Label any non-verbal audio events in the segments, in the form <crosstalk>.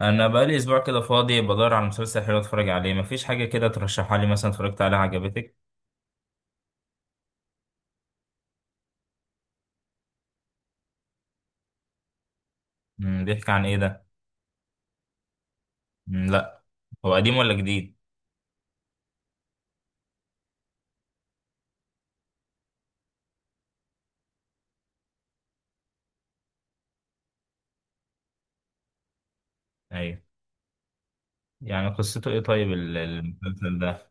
انا بقالي اسبوع كده فاضي بدور على مسلسل حلو اتفرج عليه. مفيش حاجه كده ترشحها لي، مثلا اتفرجت عليها عجبتك؟ بيحكي عن ايه ده؟ لا. هو قديم ولا جديد؟ ايوه. يعني قصته ايه طيب المسلسل ده؟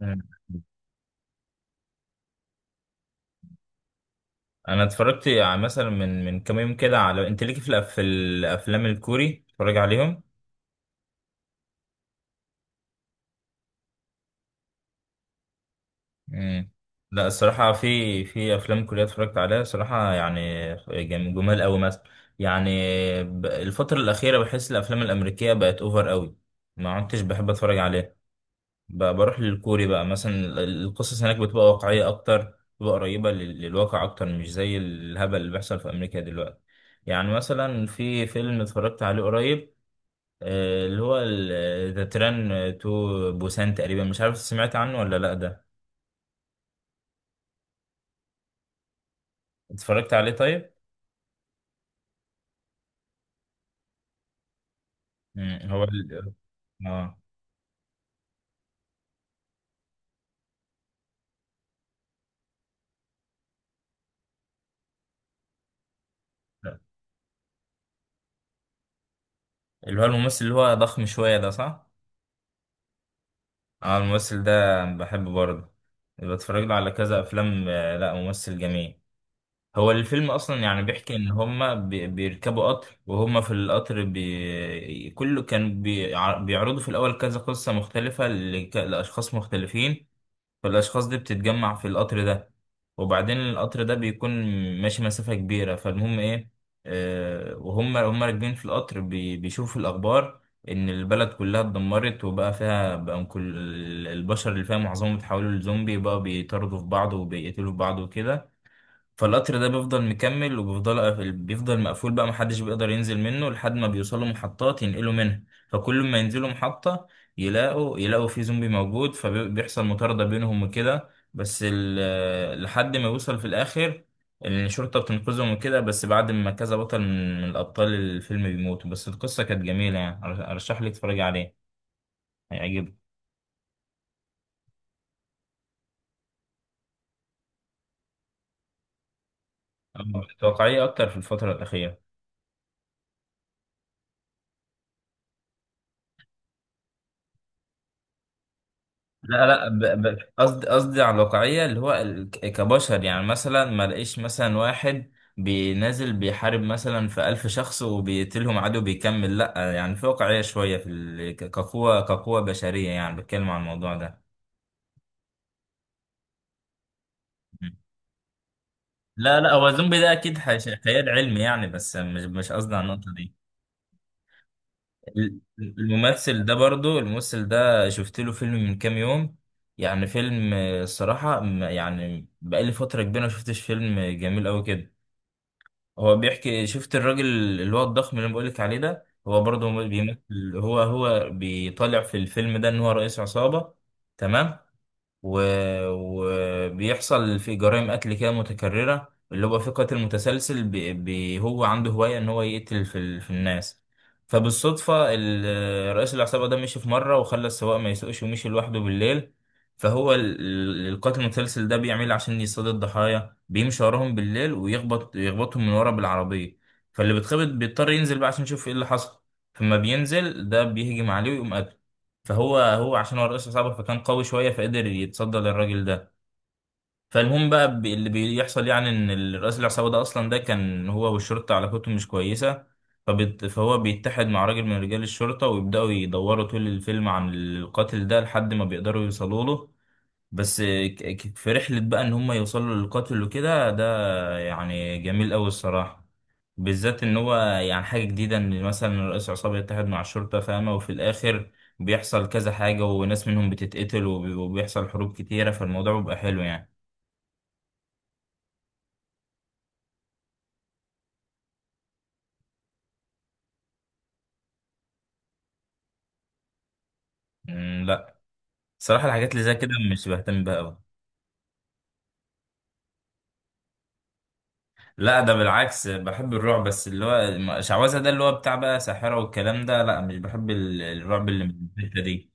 مم. انا اتفرجت مثلا من كام يوم كده، على انت ليكي في في الافلام الكوري اتفرج عليهم. مم. لا الصراحة، في أفلام كورية اتفرجت عليها صراحة يعني. جمال أوي مثلا. يعني الفترة الأخيرة بحس الأفلام الأمريكية بقت أوفر أوي، ما عدتش بحب أتفرج عليها. بروح للكوري بقى، مثلا القصص هناك بتبقى واقعية أكتر، بتبقى قريبة للواقع أكتر، مش زي الهبل اللي بيحصل في أمريكا دلوقتي. يعني مثلا في فيلم اتفرجت عليه قريب، اللي هو ذا تران تو بوسان تقريبا، مش عارف سمعت عنه ولا لأ ده. اتفرجت عليه طيب؟ مم. هو اه، اللي هو الممثل اللي هو ضخم شوية ده صح؟ اه، الممثل ده بحبه برضه، بتفرج له على كذا أفلام. لا، ممثل جميل. هو الفيلم أصلا يعني بيحكي إن هما بيركبوا قطر، وهما في القطر كله كان بيعرضوا في الأول كذا قصة مختلفة لأشخاص مختلفين. فالأشخاص دي بتتجمع في القطر ده، وبعدين القطر ده بيكون ماشي مسافة كبيرة، فالمهم إيه، وهم راكبين في القطر بيشوفوا الأخبار إن البلد كلها اتدمرت، وبقى فيها بقى كل البشر اللي فيها معظمهم اتحولوا لزومبي بقى، بيطاردوا في بعض وبيقتلوا في بعض وكده. فالقطر ده بيفضل مكمل، وبيفضل بيفضل مقفول بقى، محدش بيقدر ينزل منه، لحد ما بيوصلوا محطات ينقلوا منها. فكل ما ينزلوا محطة يلاقوا في زومبي موجود، فبيحصل مطاردة بينهم وكده. بس لحد ما يوصل في الآخر الشرطة بتنقذهم وكده، بس بعد ما كذا بطل من الأبطال الفيلم بيموتوا، بس القصة كانت جميلة يعني. أرشح لك تتفرجي عليه، هيعجبك. أه، واقعية أكتر في الفترة الأخيرة. لا، لا، قصدي على الواقعية اللي هو كبشر، يعني مثلا ما لقيش مثلا واحد بينازل بيحارب مثلا في ألف شخص وبيقتلهم، عدو بيكمل، لا، يعني في واقعية شوية في كقوة بشرية يعني، بتكلم عن الموضوع ده. مم. لا، لا، هو زومبي ده أكيد خيال علمي يعني، بس مش قصدي على النقطة دي. الممثل ده برضو الممثل ده شفت له فيلم من كام يوم، يعني فيلم، الصراحة يعني بقالي فترة كبيرة ما شفتش فيلم جميل أوي كده. هو بيحكي، شفت الراجل اللي هو الضخم اللي انا بقولك عليه ده؟ هو برضه بيمثل، هو بيطالع في الفيلم ده ان هو رئيس عصابة، تمام. و... وبيحصل في جرائم قتل كده متكررة، اللي هو في قاتل متسلسل، ب... هو عنده هواية إن هو يقتل في الناس. فبالصدفة رئيس العصابة ده مشي في مرة وخلى السواق ما يسوقش ومشي لوحده بالليل. فهو القاتل المتسلسل ده بيعمل عشان يصطاد الضحايا بيمشي وراهم بالليل ويخبط يخبطهم من ورا بالعربية، فاللي بيتخبط بيضطر ينزل بقى عشان يشوف ايه اللي حصل، فما بينزل ده بيهجم عليه ويقوم قتله. فهو عشان هو الرئيس عصابة فكان قوي شوية فقدر يتصدى للراجل ده. فالمهم بقى، اللي بيحصل يعني ان الرئيس العصابة ده اصلا ده كان هو والشرطة علاقتهم مش كويسة. فهو بيتحد مع راجل من رجال الشرطة ويبدأوا يدوروا طول الفيلم عن القاتل ده لحد ما بيقدروا يوصلوا له، بس في رحلة بقى ان هم يوصلوا للقاتل وكده ده. يعني جميل أوي الصراحة، بالذات إن هو يعني حاجة جديدة إن مثلا رئيس عصابة يتحد مع الشرطة، فاهمة؟ وفي الآخر بيحصل كذا حاجة وناس منهم بتتقتل وبيحصل حروب كتيرة، فالموضوع بيبقى حلو يعني. لا، صراحة الحاجات اللي زي كده مش بهتم بها أوي. لا ده بالعكس بحب الرعب، بس اللي هو شعوذة ده اللي هو بتاع بقى ساحرة والكلام ده، لا مش بحب الرعب اللي من الحتة دي.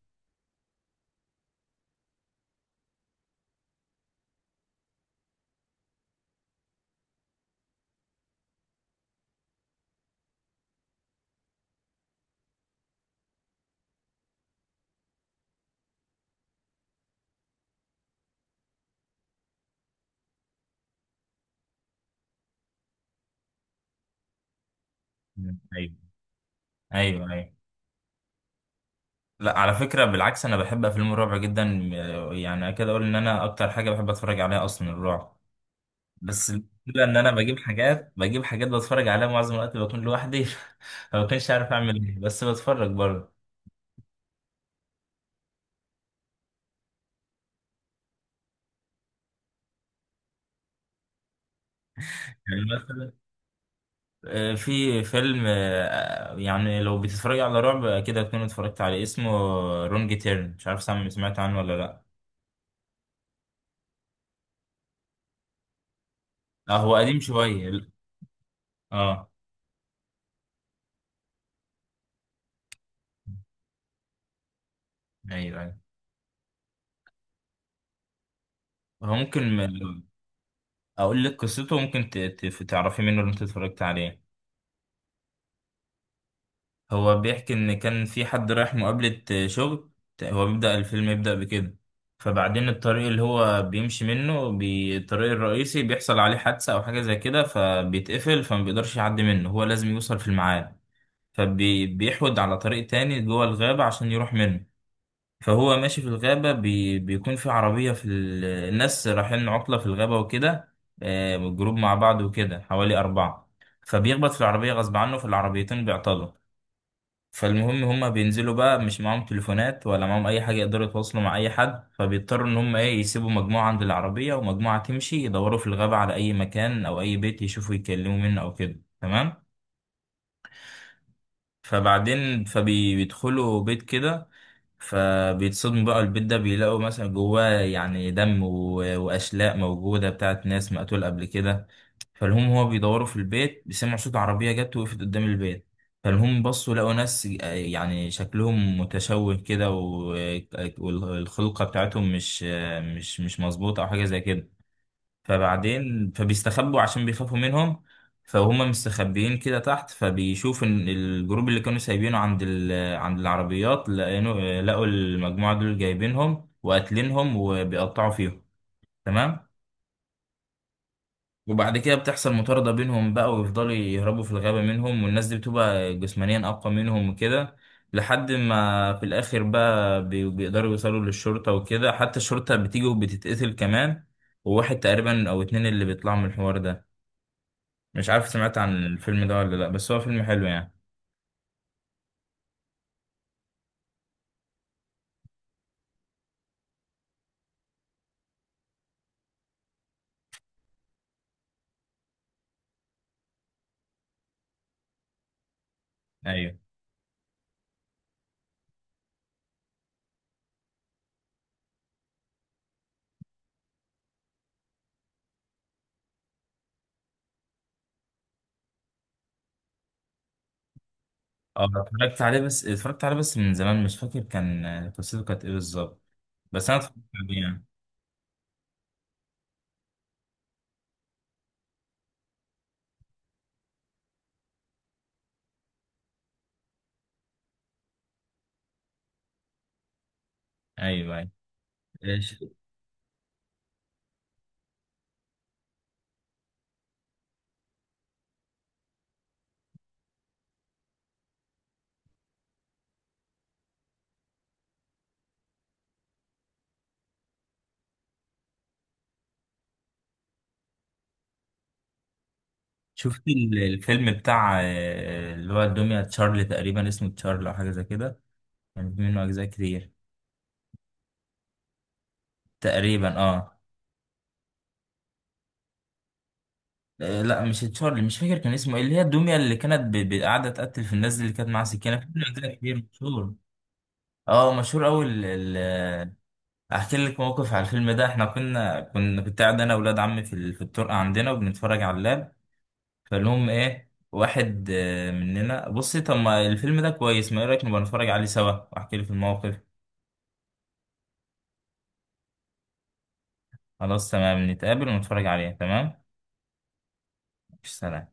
مم، أيوه، أيوه، أيوه. لا على فكرة بالعكس أنا بحب أفلام الرعب جدا، يعني أكاد أقول إن أنا أكتر حاجة بحب أتفرج عليها أصلا الرعب. بس المشكلة إن أنا بجيب حاجات بتفرج عليها معظم الوقت بكون لوحدي. <laughs> ما بكونش عارف أعمل إيه بس بتفرج برضه. يعني مثلا، في فيلم، يعني لو بتتفرج على رعب أكيد هتكون اتفرجت عليه، اسمه رونج تيرن، مش عارف سمعت عنه ولا لأ. آه، هو قديم شوية. أه. أيوه، أيوه. هو ممكن اقول لك قصته، ممكن تعرفي منه اللي انت اتفرجت عليه. هو بيحكي ان كان في حد رايح مقابلة شغل، هو بيبدأ الفيلم يبدأ بكده، فبعدين الطريق اللي هو بيمشي منه الطريق الرئيسي بيحصل عليه حادثة او حاجة زي كده فبيتقفل، فما بيقدرش يعدي منه، هو لازم يوصل في الميعاد. فبيحود على طريق تاني جوه الغابة عشان يروح منه. فهو ماشي في الغابة، بيكون في عربية الناس رايحين عطلة في الغابة وكده، جروب مع بعض وكده حوالي أربعة، فبيخبط في العربية غصب عنه فالعربيتين بيعطلوا. فالمهم هما بينزلوا بقى، مش معاهم تليفونات ولا معاهم أي حاجة يقدروا يتواصلوا مع أي حد، فبيضطروا إن هما إيه يسيبوا مجموعة عند العربية ومجموعة تمشي يدوروا في الغابة على أي مكان أو أي بيت يشوفوا يتكلموا منه أو كده، تمام. فبعدين فبيدخلوا بيت كده، فبيتصدموا بقى، البيت ده بيلاقوا مثلا جواه يعني دم، وأشلاء موجودة بتاعت ناس مقتول قبل كده. فالهم هو بيدوروا في البيت بيسمعوا صوت عربية جت وقفت قدام البيت، فالهم بصوا لقوا ناس يعني شكلهم متشوه كده والخلقة بتاعتهم مش مظبوطة أو حاجة زي كده، فبعدين فبيستخبوا عشان بيخافوا منهم. فهم مستخبيين كده تحت، فبيشوف ان الجروب اللي كانوا سايبينه عند عند العربيات، لقوا المجموعة دول جايبينهم وقاتلينهم وبيقطعوا فيهم، تمام. وبعد كده بتحصل مطاردة بينهم بقى ويفضلوا يهربوا في الغابة منهم، والناس دي بتبقى جسمانيا أقوى منهم وكده، لحد ما في الآخر بقى بيقدروا يوصلوا للشرطة وكده، حتى الشرطة بتيجي وبتتقتل كمان، وواحد تقريبا أو اتنين اللي بيطلعوا من الحوار ده. مش عارف سمعت عن الفيلم ده ولا لا، بس هو فيلم حلو يعني. ايوه. اه، اتفرجت عليه بس من زمان مش فاكر كان قصته كانت ايه بالظبط، بس انا اتفرجت عليه يعني. ايوه، ايوه. آه، ش- شفت الفيلم بتاع اللي هو الدمية تشارلي تقريبا، اسمه تشارلي او حاجه زي كده، كان في منه اجزاء كتير، تقريبا، اه. لا مش تشارلي، مش فاكر كان اسمه ايه، اللي هي الدمية اللي كانت قاعده تقتل في الناس دي، اللي كانت معاها سكينه، في منه اجزاء كتير مشهور. اه مشهور قوي. احكي لك موقف على الفيلم ده، احنا كنا كنا كنت قاعد انا واولاد عمي في الطرقه عندنا وبنتفرج على اللاب. فلهم ايه واحد مننا بصي، طب ما الفيلم ده كويس، ما ايه رايك نبقى نتفرج عليه سوا، واحكي لك الموقف. خلاص تمام، نتقابل ونتفرج عليه، تمام. مش، سلام.